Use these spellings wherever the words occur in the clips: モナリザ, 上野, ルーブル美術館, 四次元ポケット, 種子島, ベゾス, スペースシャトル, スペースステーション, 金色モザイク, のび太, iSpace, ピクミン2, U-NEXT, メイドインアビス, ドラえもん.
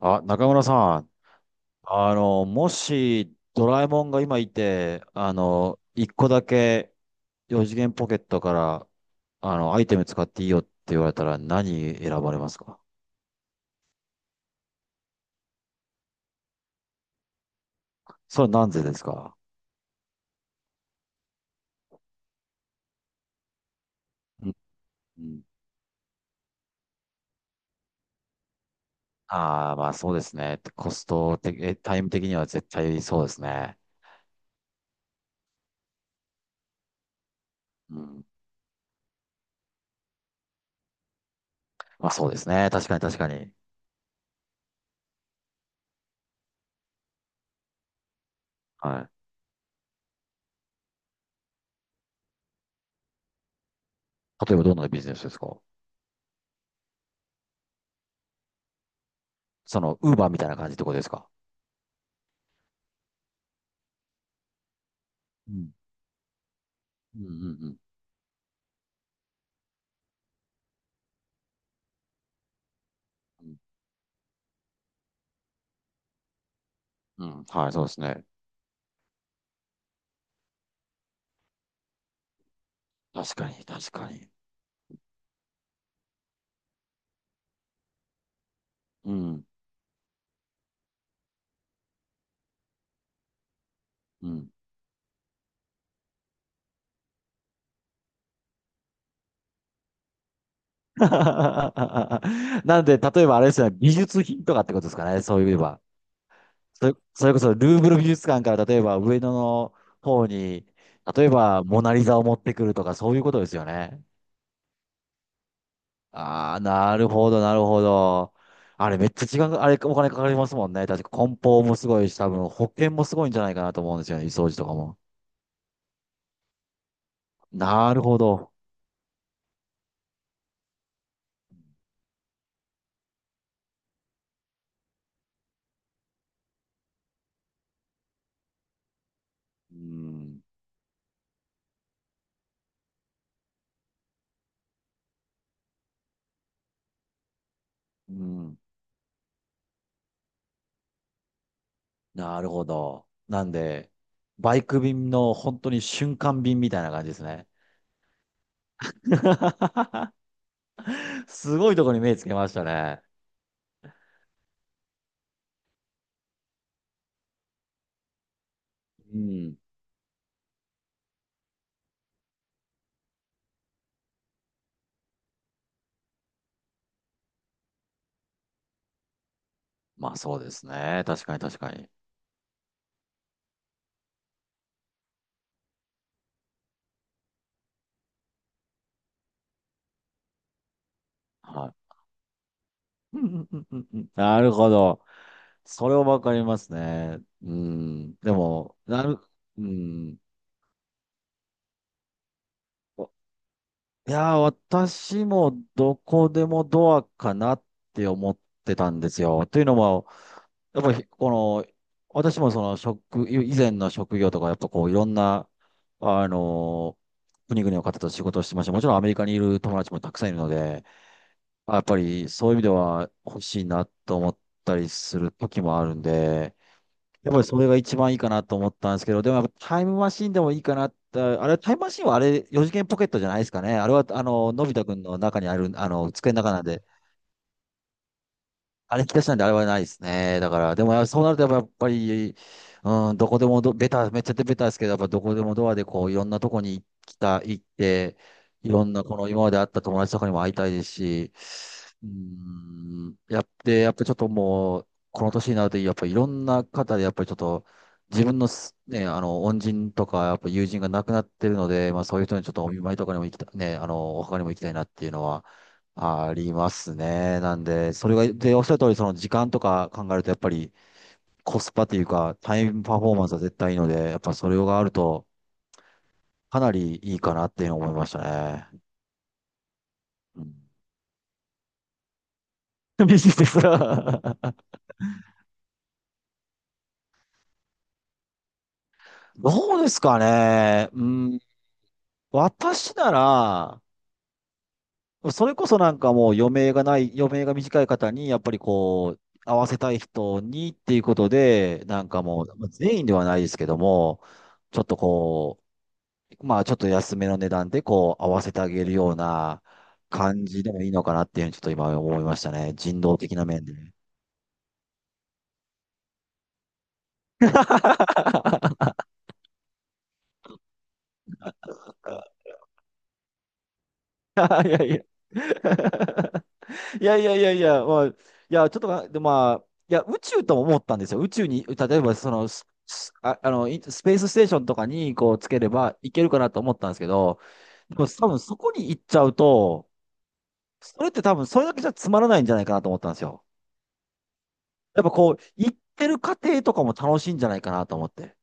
あ、中村さん、もしドラえもんが今いて、一個だけ四次元ポケットから、アイテム使っていいよって言われたら何選ばれますか？それは何故でですか？うんうん。ああ、まあそうですね。コスト的、えタイム的には絶対そうですね。うん。まあそうですね。確かに確かに。はい。例えばどんなビジネスですか？その、ウーバーみたいな感じってことですか？うん。うんうんうん。うん、うんはい、そうですね。確かに、確かに。うん、うん。なんで、例えばあれですよね、美術品とかってことですかね、そういえば。それこそルーブル美術館から例えば上野の方に、例えばモナリザを持ってくるとかそういうことですよね。ああ、なるほど、なるほど。あれめっちゃ時間が、あれお金かかりますもんね。確か梱包もすごいし、多分保険もすごいんじゃないかなと思うんですよね、掃除とかも。なるほど。うん。うんなるほど。なんで、バイク便の本当に瞬間便みたいな感じですね。すごいところに目つけましたね。うん。まあそうですね。確かに確かに。はい。うんうんうんうんうんなるほど。それはわかりますね。うん。でも、なる、うん。いやー、私もどこでもドアかなって思ってたんですよ。というのも、やっぱりこの、私もその職、以前の職業とか、やっぱこういろんな、あのー国々の方と仕事をしてました。もちろんアメリカにいる友達もたくさんいるので、あやっぱりそういう意味では欲しいなと思ったりする時もあるんで、やっぱりそれが一番いいかなと思ったんですけど、でもやっぱタイムマシンでもいいかなって、あれ、タイムマシンはあれ、四次元ポケットじゃないですかね。あれは、のび太くんの中にある、机の中なんで、あれ引き出しなんであれはないですね。だから、でもそうなるとやっぱり、うん、どこでもど、ベタ、めっちゃベタですけど、やっぱどこでもドアでこう、いろんなとこに来た、行って、いろんなこの今まで会った友達とかにも会いたいですし、うん、やって、やっぱちょっともう、この年になると、やっぱりいろんな方で、やっぱりちょっと、自分のす、ね、恩人とか、やっぱ友人が亡くなってるので、まあそういう人にちょっとお見舞いとかにも行きた、ね、お墓にも行きたいなっていうのは、ありますね。なんで、それが、で、おっしゃる通り、その時間とか考えると、やっぱりコスパというか、タイムパフォーマンスは絶対いいので、やっぱそれがあると、かなりいいかなっていうのを思いましたね。うん。ビジネスはどうですかね。うん。私なら、それこそなんかもう余命がない、余命が短い方に、やっぱりこう、合わせたい人にっていうことで、なんかもう、全員ではないですけども、ちょっとこう、まあ、ちょっと安めの値段で、こう、合わせてあげるような感じでもいいのかなっていうふうに、ちょっと今思いましたね。人道的な面で いやいやいやいやいやいや、まあ、いや、ちょっとな、で、まあ、いや、宇宙とも思ったんですよ。宇宙に、例えば、その、ススあ、いスペースステーションとかに、こう、つければいけるかなと思ったんですけど、でも、多分そこに行っちゃうと、それって多分それだけじゃつまらないんじゃないかなと思ったんですよ。やっぱこう、行ってる過程とかも楽しいんじゃないかなと思って。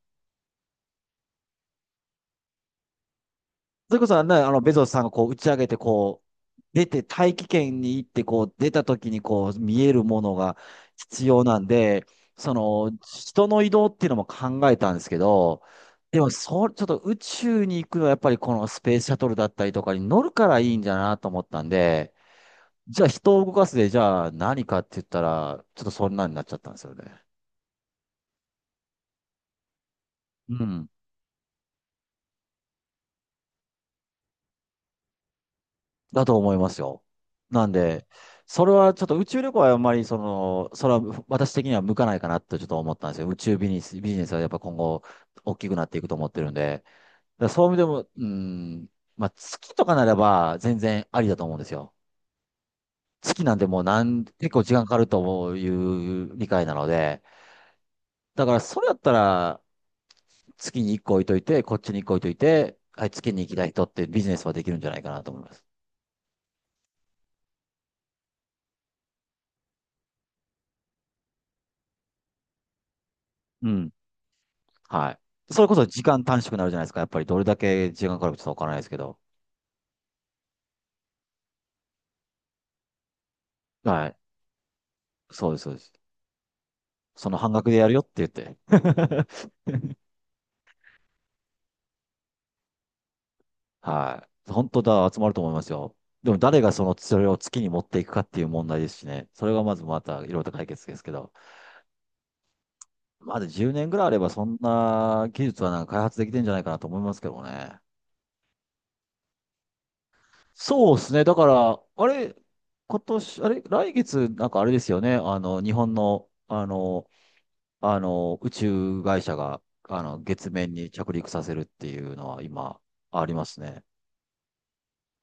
それこそね、ベゾスさんがこう打ち上げて、こう、出て、大気圏に行って、こう、出た時にこう、見えるものが必要なんで、その、人の移動っていうのも考えたんですけど、でも、そう、ちょっと宇宙に行くのはやっぱりこのスペースシャトルだったりとかに乗るからいいんじゃなと思ったんで、じゃあ人を動かすで、じゃあ何かって言ったら、ちょっとそんなになっちゃったんですよね。うん。だと思いますよ。なんで、それはちょっと宇宙旅行はあんまりその、それは私的には向かないかなとちょっと思ったんですよ。宇宙ビジネス、ビジネスはやっぱ今後大きくなっていくと思ってるんで。だからそういう意味でも、うん、まあ月とかならば全然ありだと思うんですよ。月なんてもうなん結構時間かかるという理解なので。だからそれだったら月に一個置いといて、こっちに一個置いといて、はい、月に行きたい人ってビジネスはできるんじゃないかなと思います。うん。はい。それこそ時間短縮になるじゃないですか。やっぱりどれだけ時間かかるかちょっとわからないですけど。はい。そうです。その半額でやるよって言って。はい。本当だ、集まると思いますよ。でも誰がその、それを月に持っていくかっていう問題ですしね。それがまずまたいろいろと解決ですけど。まだ10年ぐらいあればそんな技術はなんか開発できてんじゃないかなと思いますけどね。そうですね。だから、あれ、今年、あれ、来月、なんかあれですよね。日本の、宇宙会社が、月面に着陸させるっていうのは今、ありますね。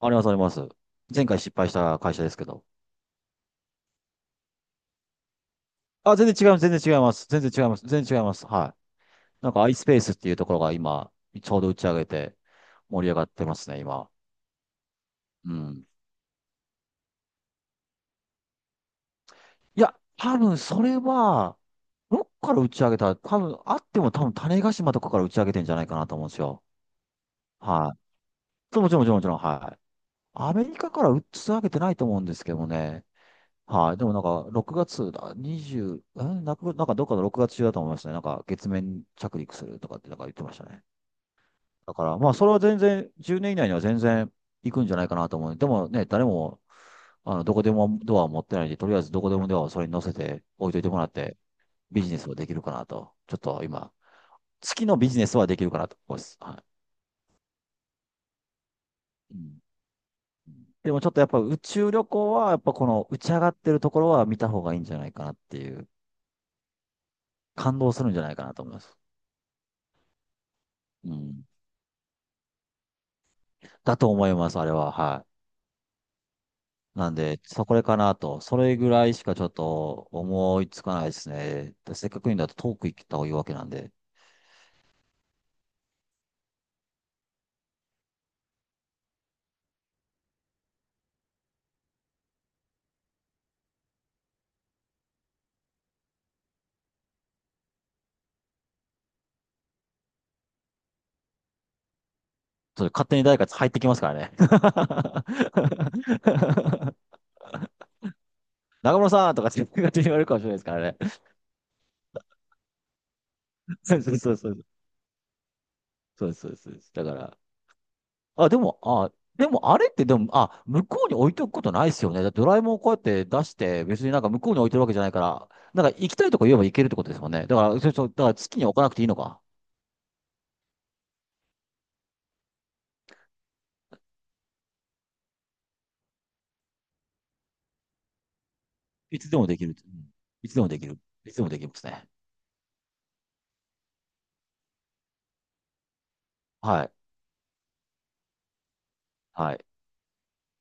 あります。前回失敗した会社ですけど。あ、全然違います、全然違います。全然違います、全然違います。はい。なんか iSpace っていうところが今、ちょうど打ち上げて盛り上がってますね、今。うん。いや、多分それは、どっから打ち上げた、多分あっても多分種子島とかから打ち上げてんじゃないかなと思うんですよ。はい。そうもちろん、はい。アメリカから打ち上げてないと思うんですけどもね。はい。でもなんか、6月だ、20、え、なく、なんかどっかの6月中だと思いましたね。なんか、月面着陸するとかってなんか言ってましたね。だから、まあ、それは全然、10年以内には全然行くんじゃないかなと思う。でもね、誰も、どこでもドアを持ってないんで、とりあえずどこでもドアをそれに乗せて置いといてもらって、ビジネスはできるかなと。ちょっと今、月のビジネスはできるかなと思います。はい。うんでもちょっとやっぱ宇宙旅行は、やっぱこの打ち上がってるところは見た方がいいんじゃないかなっていう、感動するんじゃないかなと思います。うんだと思います、あれは。はい。なんで、そこれかなと。それぐらいしかちょっと思いつかないですね。でせっかく言うんだとトーク行った方がいいわけなんで。それ勝手に誰か入ってきますからね。中村さんとかって勝手に言われるかもしれないですからね。そうそうそうそう。そうですそうです。そうですだから、あ、でも、あ、でもあれってでも、あ、向こうに置いておくことないですよね。だってドラえもんをこうやって出して、別になんか向こうに置いてるわけじゃないから、なんか行きたいとこ言えば行けるってことですもんね。だから、そうそう、だから月に置かなくていいのか。いつでもできる。うんいつでもできる。いつでもできますね。はい。はい。